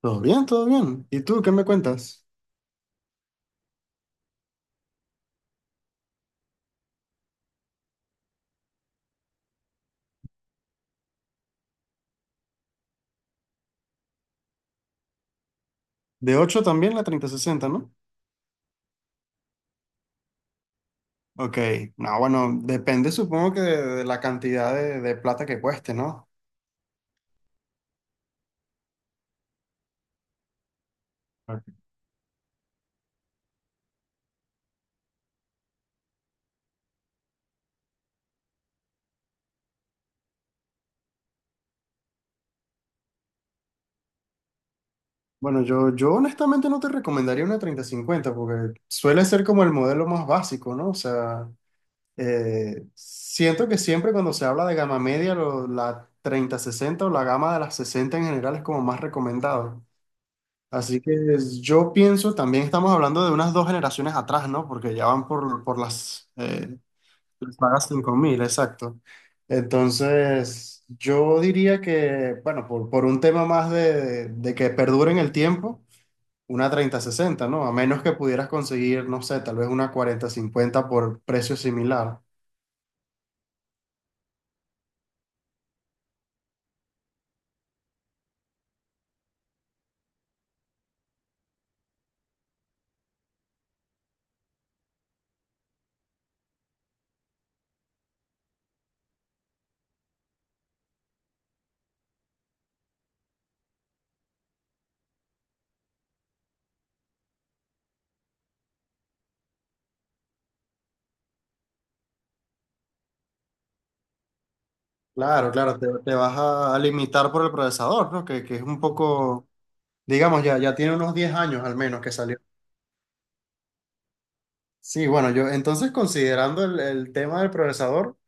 Todo bien, todo bien. ¿Y tú qué me cuentas? De 8 también la treinta sesenta, ¿no? Ok. No, bueno, depende supongo que de la cantidad de plata que cueste, ¿no? Ok. Bueno, yo honestamente no te recomendaría una treinta cincuenta, porque suele ser como el modelo más básico, ¿no? O sea, siento que siempre cuando se habla de gama media, la treinta sesenta o la gama de las 60 en general es como más recomendado. Así que yo pienso, también estamos hablando de unas dos generaciones atrás, ¿no? Porque ya van por las sagas 5000, exacto. Entonces, yo diría que, bueno, por un tema más de que perdure en el tiempo, una treinta sesenta, ¿no? A menos que pudieras conseguir, no sé, tal vez una cuarenta cincuenta por precio similar. Claro, claro, te vas a limitar por el procesador, ¿no? Que es un poco, digamos, ya tiene unos 10 años al menos que salió. Sí, bueno, yo entonces considerando el tema del procesador,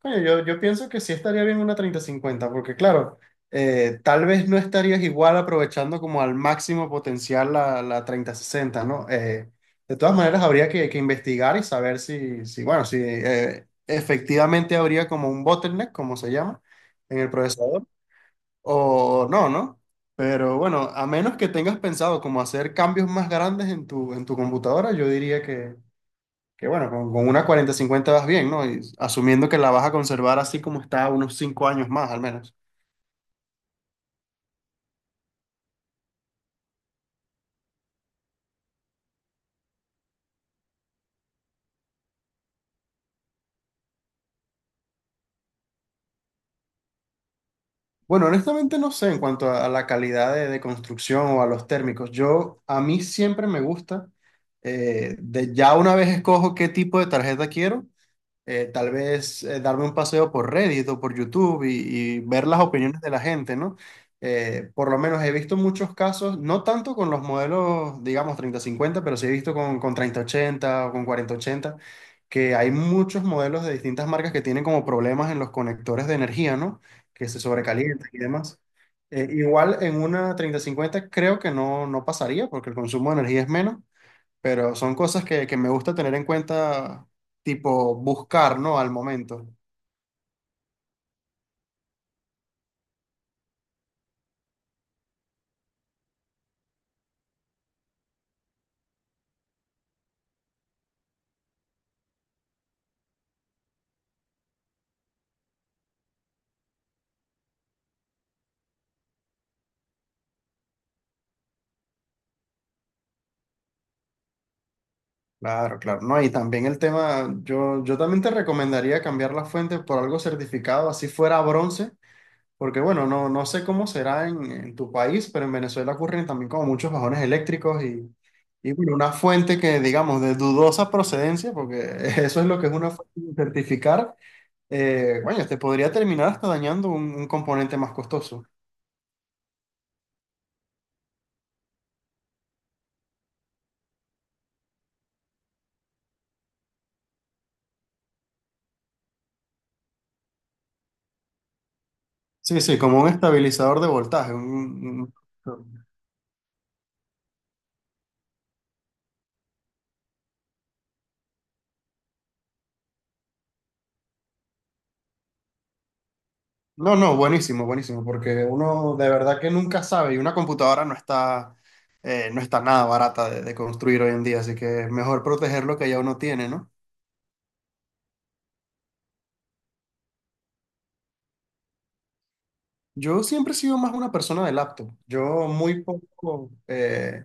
coño, yo pienso que sí estaría bien una treinta cincuenta, porque claro, tal vez no estarías igual aprovechando como al máximo potencial la treinta sesenta, ¿no? De todas maneras, habría que investigar y saber si bueno, si efectivamente habría como un bottleneck, como se llama, en el procesador, o no, ¿no? Pero bueno, a menos que tengas pensado como hacer cambios más grandes en tu computadora, yo diría que bueno, con una cuarenta cincuenta vas bien, ¿no? Y asumiendo que la vas a conservar así como está unos 5 años más al menos. Bueno, honestamente no sé en cuanto a la calidad de construcción o a los térmicos. A mí siempre me gusta, de ya una vez escojo qué tipo de tarjeta quiero, tal vez darme un paseo por Reddit o por YouTube y ver las opiniones de la gente, ¿no? Por lo menos he visto muchos casos, no tanto con los modelos, digamos, treinta cincuenta, pero sí he visto con treinta ochenta o con cuarenta ochenta que hay muchos modelos de distintas marcas que tienen como problemas en los conectores de energía, ¿no? Que se sobrecalientan y demás. Igual en una treinta cincuenta creo que no pasaría porque el consumo de energía es menos. Pero son cosas que me gusta tener en cuenta, tipo buscar, ¿no? Al momento. Claro, claro, ¿no? Y también el tema, yo también te recomendaría cambiar la fuente por algo certificado, así fuera bronce, porque bueno, no sé cómo será en tu país, pero en Venezuela ocurren también como muchos bajones eléctricos y bueno, una fuente que digamos de dudosa procedencia, porque eso es lo que es una fuente sin certificar, bueno, te podría terminar hasta dañando un componente más costoso. Sí, sí, como un estabilizador de voltaje. Un- No, no, buenísimo, buenísimo, porque uno de verdad que nunca sabe y una computadora no está, no está nada barata de construir hoy en día, así que es mejor proteger lo que ya uno tiene, ¿no? Yo siempre he sido más una persona de laptop. Yo muy poco,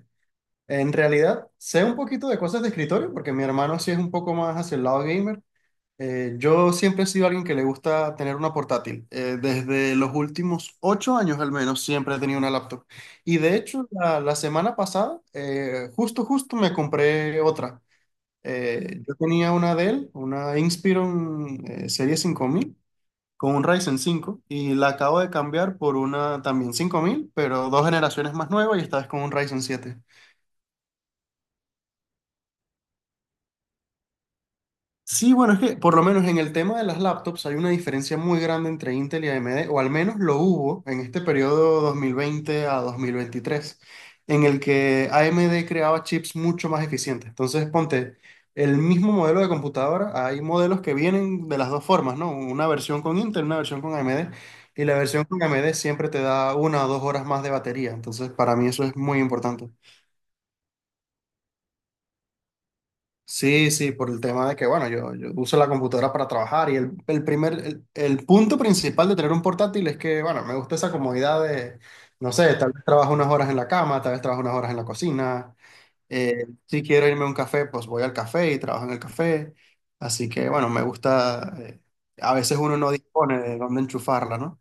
en realidad, sé un poquito de cosas de escritorio, porque mi hermano sí es un poco más hacia el lado gamer. Yo siempre he sido alguien que le gusta tener una portátil. Desde los últimos 8 años al menos siempre he tenido una laptop. Y de hecho, la semana pasada, justo me compré otra. Yo tenía una Dell, una Inspiron Serie 5000 con un Ryzen 5 y la acabo de cambiar por una también 5000 pero dos generaciones más nueva y esta vez con un Ryzen 7. Sí, bueno, es que por lo menos en el tema de las laptops hay una diferencia muy grande entre Intel y AMD, o al menos lo hubo en este periodo 2020 a 2023, en el que AMD creaba chips mucho más eficientes. Entonces, ponte, el mismo modelo de computadora, hay modelos que vienen de las dos formas, ¿no? Una versión con Intel, una versión con AMD, y la versión con AMD siempre te da 1 o 2 horas más de batería. Entonces, para mí eso es muy importante. Sí, sí, por el tema de que, bueno, yo uso la computadora para trabajar y el punto principal de tener un portátil es que, bueno, me gusta esa comodidad de, no sé, tal vez trabajo unas horas en la cama, tal vez trabajo unas horas en la cocina, si quiero irme a un café, pues voy al café y trabajo en el café, así que, bueno, me gusta, a veces uno no dispone de dónde enchufarla, ¿no?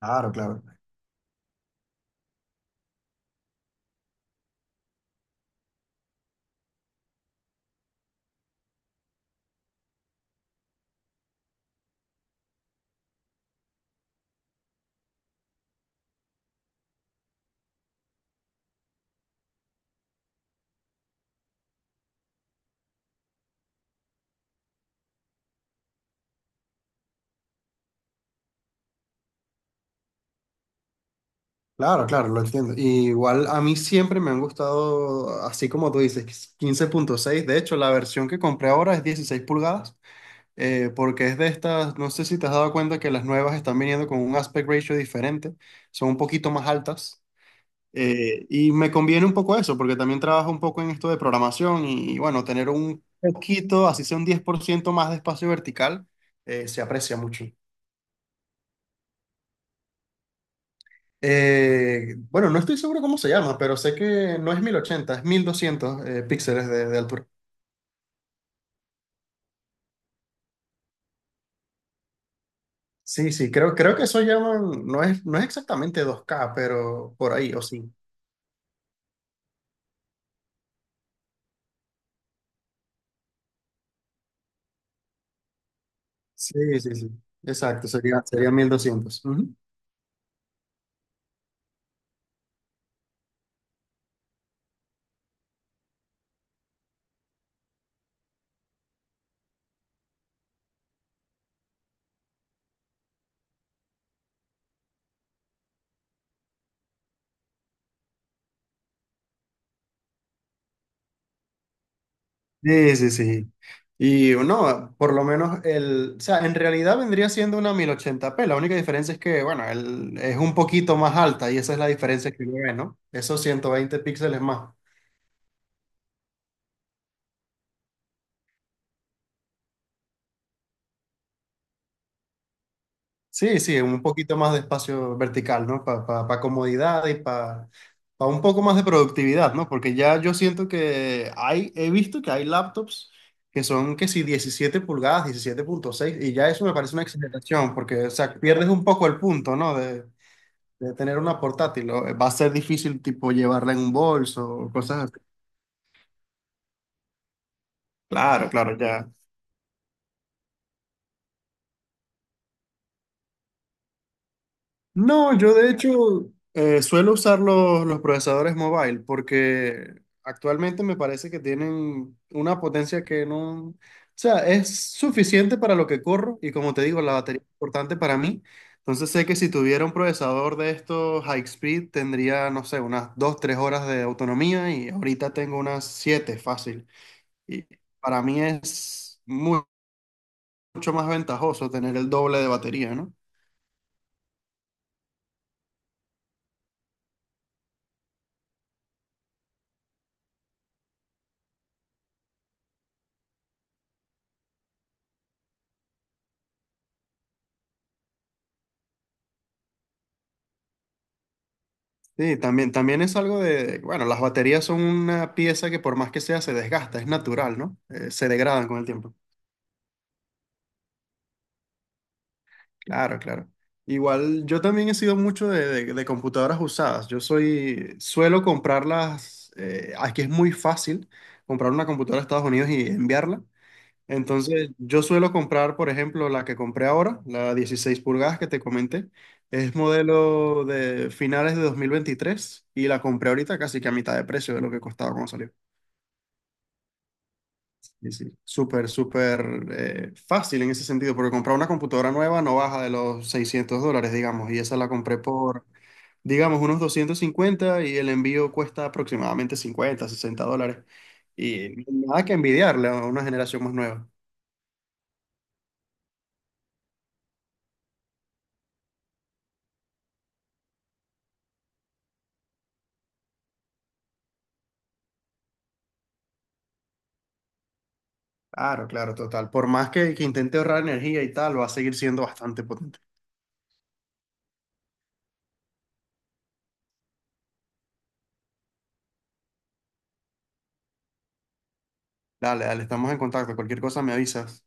Claro, claro. Claro, claro, lo entiendo. Y igual a mí siempre me han gustado, así como tú dices, 15,6. De hecho, la versión que compré ahora es 16 pulgadas, porque es de estas, no sé si te has dado cuenta que las nuevas están viniendo con un aspect ratio diferente, son un poquito más altas. Y me conviene un poco eso, porque también trabajo un poco en esto de programación y bueno, tener un poquito, así sea un 10% más de espacio vertical, se aprecia mucho. Bueno, no estoy seguro cómo se llama, pero sé que no es 1080, es 1200 píxeles de altura. Sí, sí, creo que eso llaman, no es exactamente 2K pero por ahí, o sí. Sí, sí, sí. Exacto, sería 1200. Ujú. Sí, sí, sí. Y no, por lo menos o sea, en realidad vendría siendo una 1080p La única diferencia es que, bueno, es un poquito más alta y esa es la diferencia que uno ve, ¿no? Esos 120 píxeles más. Sí, sí, un poquito más de espacio vertical, ¿no? Para comodidad y para un poco más de productividad, ¿no? Porque ya yo siento que he visto que hay laptops que son que si 17 pulgadas, 17,6 y ya eso me parece una exageración, porque, o sea, pierdes un poco el punto, ¿no? De tener una portátil, o va a ser difícil, tipo, llevarla en un bolso o cosas así. Claro, claro, ya. No, yo de hecho suelo usar los procesadores mobile porque actualmente me parece que tienen una potencia que no, o sea, es suficiente para lo que corro y como te digo, la batería es importante para mí. Entonces sé que si tuviera un procesador de estos high speed tendría, no sé, unas 2 3 horas de autonomía y ahorita tengo unas 7 fácil. Y para mí es mucho más ventajoso tener el doble de batería, ¿no? Sí, también es algo de, bueno, las baterías son una pieza que por más que sea se desgasta, es natural, ¿no? Se degradan con el tiempo. Claro, claro. Igual yo también he sido mucho de computadoras usadas. Suelo comprarlas, aquí es muy fácil comprar una computadora de Estados Unidos y enviarla. Entonces, yo suelo comprar, por ejemplo, la que compré ahora, la 16 pulgadas que te comenté. Es modelo de finales de 2023 y la compré ahorita casi que a mitad de precio de lo que costaba cuando salió. Sí, sí. Súper, súper fácil en ese sentido, porque comprar una computadora nueva no baja de los $600, digamos, y esa la compré por, digamos, unos 250 y el envío cuesta aproximadamente 50 60 dólares. Y nada que envidiarle a una generación más nueva. Claro, claro, total. Por más que intente ahorrar energía y tal, va a seguir siendo bastante potente. Dale, dale, estamos en contacto. Cualquier cosa me avisas.